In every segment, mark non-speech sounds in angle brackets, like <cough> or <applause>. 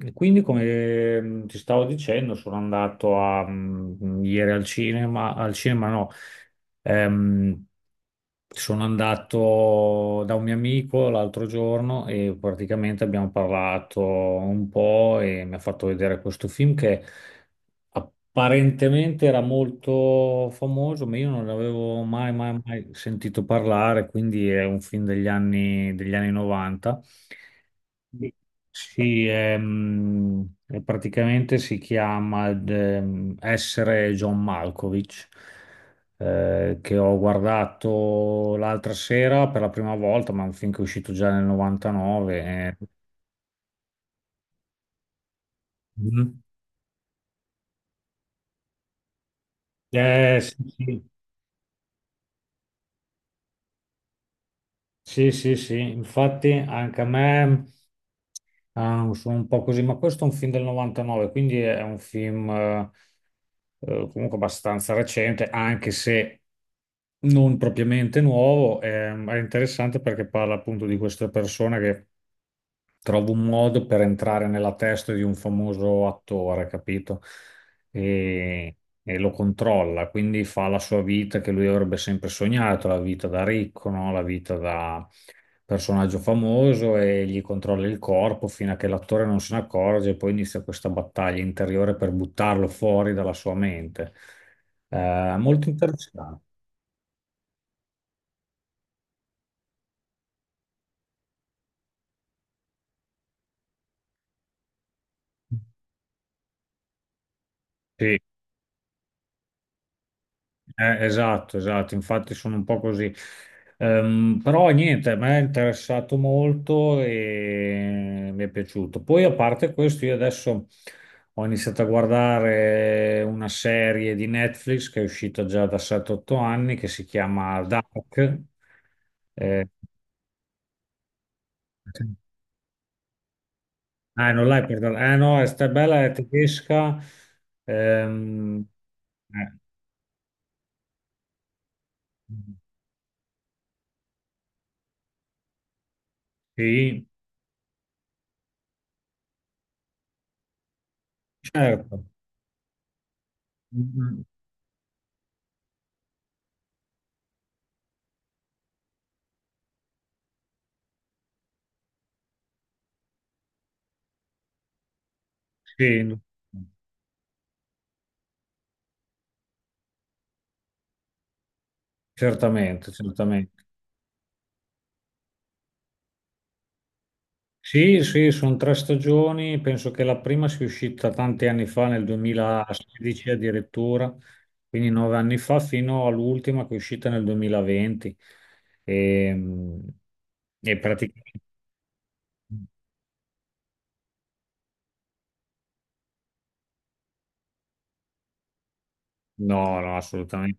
E quindi, come ti stavo dicendo, sono andato ieri al cinema no, Ehm, sono andato da un mio amico l'altro giorno e praticamente abbiamo parlato un po' e mi ha fatto vedere questo film che apparentemente era molto famoso, ma io non l'avevo mai, mai, mai sentito parlare, quindi è un film degli anni 90. Sì, è praticamente si chiama Essere John Malkovich, che ho guardato l'altra sera per la prima volta, ma è un film che è uscito già nel 99. Eh. Mhm. Sì, sì, sì, sì, sì. Infatti anche a me ah, sono un po' così, ma questo è un film del 99, quindi è un film, comunque abbastanza recente, anche se non propriamente nuovo. È interessante perché parla appunto di questa persona che trova un modo per entrare nella testa di un famoso attore, capito? E, e lo controlla, quindi fa la sua vita che lui avrebbe sempre sognato, la vita da ricco, no? La vita da personaggio famoso e gli controlla il corpo fino a che l'attore non se ne accorge e poi inizia questa battaglia interiore per buttarlo fuori dalla sua mente. Molto interessante. Sì. Esatto, esatto, infatti sono un po' così. Però niente, a me è interessato molto e mi è piaciuto. Poi a parte questo, io adesso ho iniziato a guardare una serie di Netflix che è uscita già da 7-8 anni che si chiama Dark. Eh, ah, non l'hai portata. Eh no, è sta bella, è tedesca. Ehm, eh, sì, certo. Mm, mm, sì. Certamente, certamente. Sì, sì, sono tre stagioni, penso che la prima sia uscita tanti anni fa, nel 2016 addirittura, quindi nove anni fa, fino all'ultima che è uscita nel 2020. E, e praticamente. No, no, assolutamente.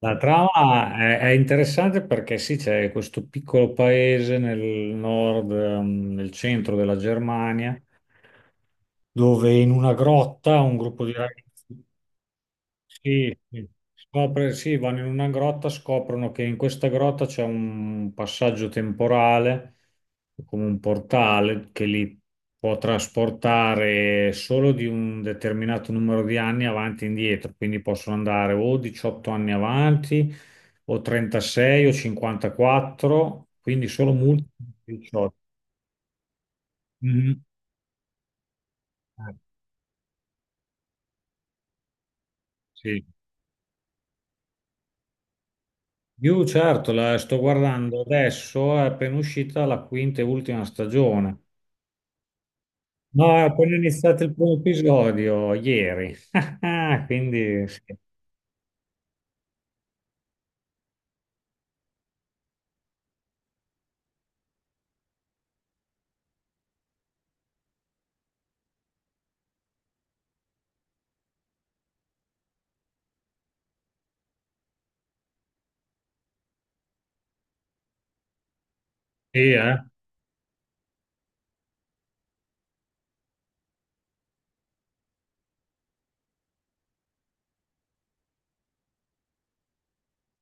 La trama è interessante perché sì, c'è questo piccolo paese nel nord, nel centro della Germania, dove in una grotta un gruppo di ragazzi. Sì, sì. Sì, vanno in una grotta, scoprono che in questa grotta c'è un passaggio temporale, come un portale che li può trasportare solo di un determinato numero di anni avanti e indietro, quindi possono andare o 18 anni avanti, o 36, o 54, quindi solo multipli di 18. Mhm. Eh, sì. Io certo, la sto guardando adesso, è appena uscita la quinta e ultima stagione. No, ho appena iniziato il primo episodio ieri, <laughs> quindi sì, sì, eh?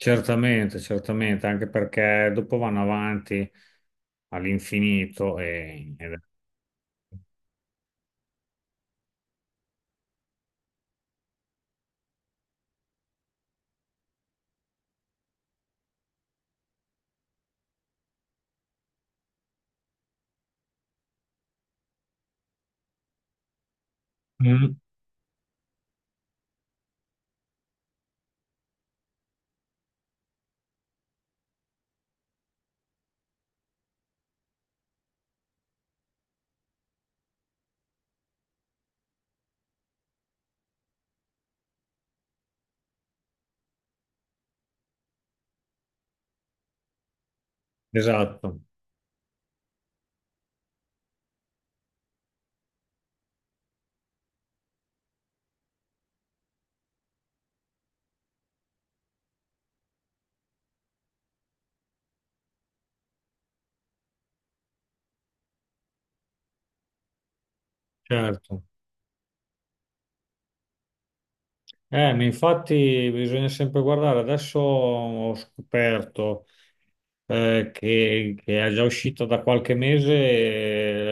Certamente, certamente, anche perché dopo vanno avanti all'infinito Mm, esatto, certo. Ma infatti bisogna sempre guardare, adesso ho scoperto che è già uscita da qualche mese,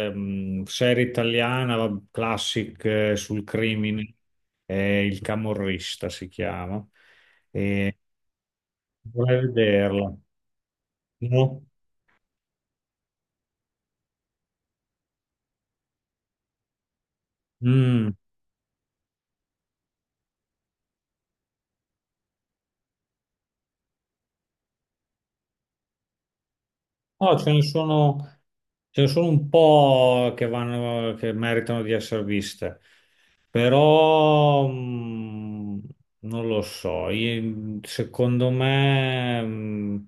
serie italiana, classic, sul crimine, Il Camorrista si chiama, e vorrei vederla. No? Mm. No, ce ne sono un po' che vanno, che meritano di essere viste, però non lo so. Secondo me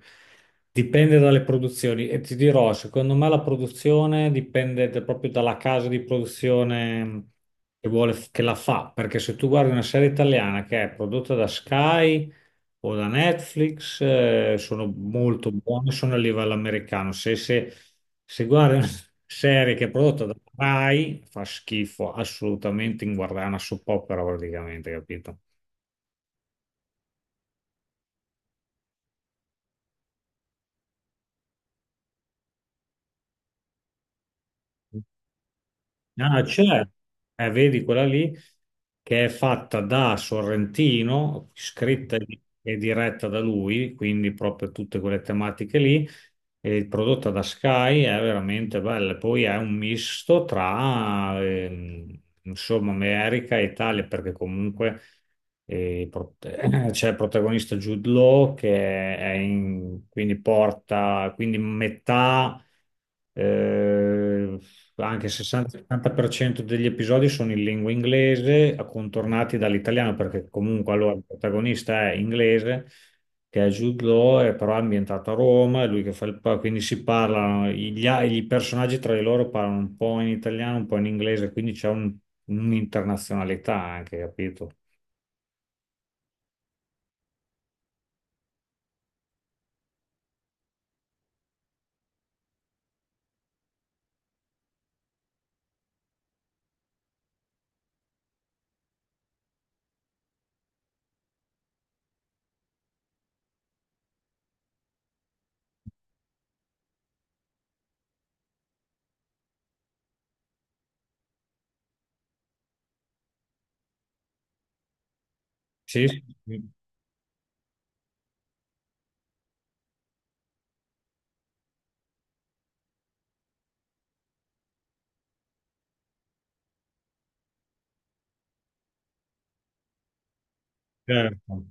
dipende dalle produzioni e ti dirò, secondo me la produzione dipende proprio dalla casa di produzione che vuole, che la fa, perché se tu guardi una serie italiana che è prodotta da Sky o da Netflix, sono molto buone, sono a livello americano. Se guardi una serie che è prodotta da Rai, fa schifo, assolutamente inguardabile, una soap opera praticamente, capito? Ah, certo. Vedi quella lì che è fatta da Sorrentino, scritta e diretta da lui, quindi proprio tutte quelle tematiche lì, e prodotta da Sky, è veramente bella. Poi è un misto tra, insomma, America e Italia, perché comunque eh, pro- <clears throat> c'è il protagonista Jude Law che quindi porta, quindi metà eh, anche il 60-70% degli episodi sono in lingua inglese, accontornati dall'italiano, perché comunque allora il protagonista è inglese, che è Jude Law, è però ambientato a Roma, è lui che fa quindi si parlano, i personaggi tra di loro parlano un po' in italiano, un po' in inglese, quindi c'è un'internazionalità anche, capito? Sì, sì, sì, certo.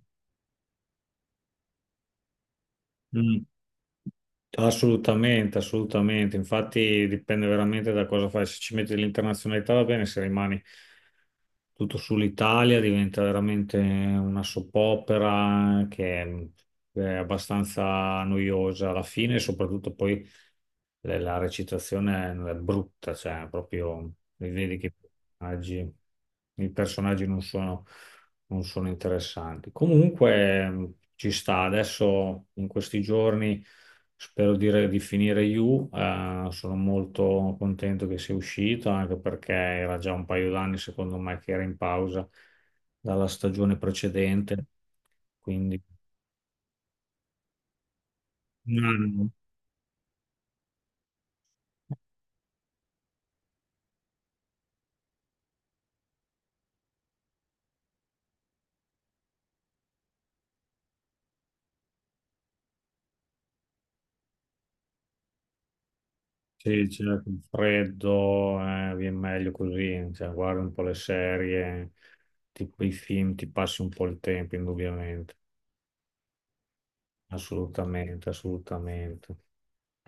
Mm. Assolutamente, assolutamente. Infatti dipende veramente da cosa fai. Se ci metti l'internazionalità va bene, se rimani tutto sull'Italia diventa veramente una soppopera che è abbastanza noiosa alla fine, e soprattutto poi la recitazione è brutta, cioè proprio li vedi che personaggi, i personaggi non sono interessanti. Comunque ci sta adesso in questi giorni. Spero di finire You, sono molto contento che sia uscito, anche perché era già un paio d'anni, secondo me, che era in pausa dalla stagione precedente. Quindi un anno, sì, c'è il freddo, vi è meglio così, cioè, guardi un po' le serie, tipo i film, ti passi un po' il tempo, indubbiamente. Assolutamente, assolutamente.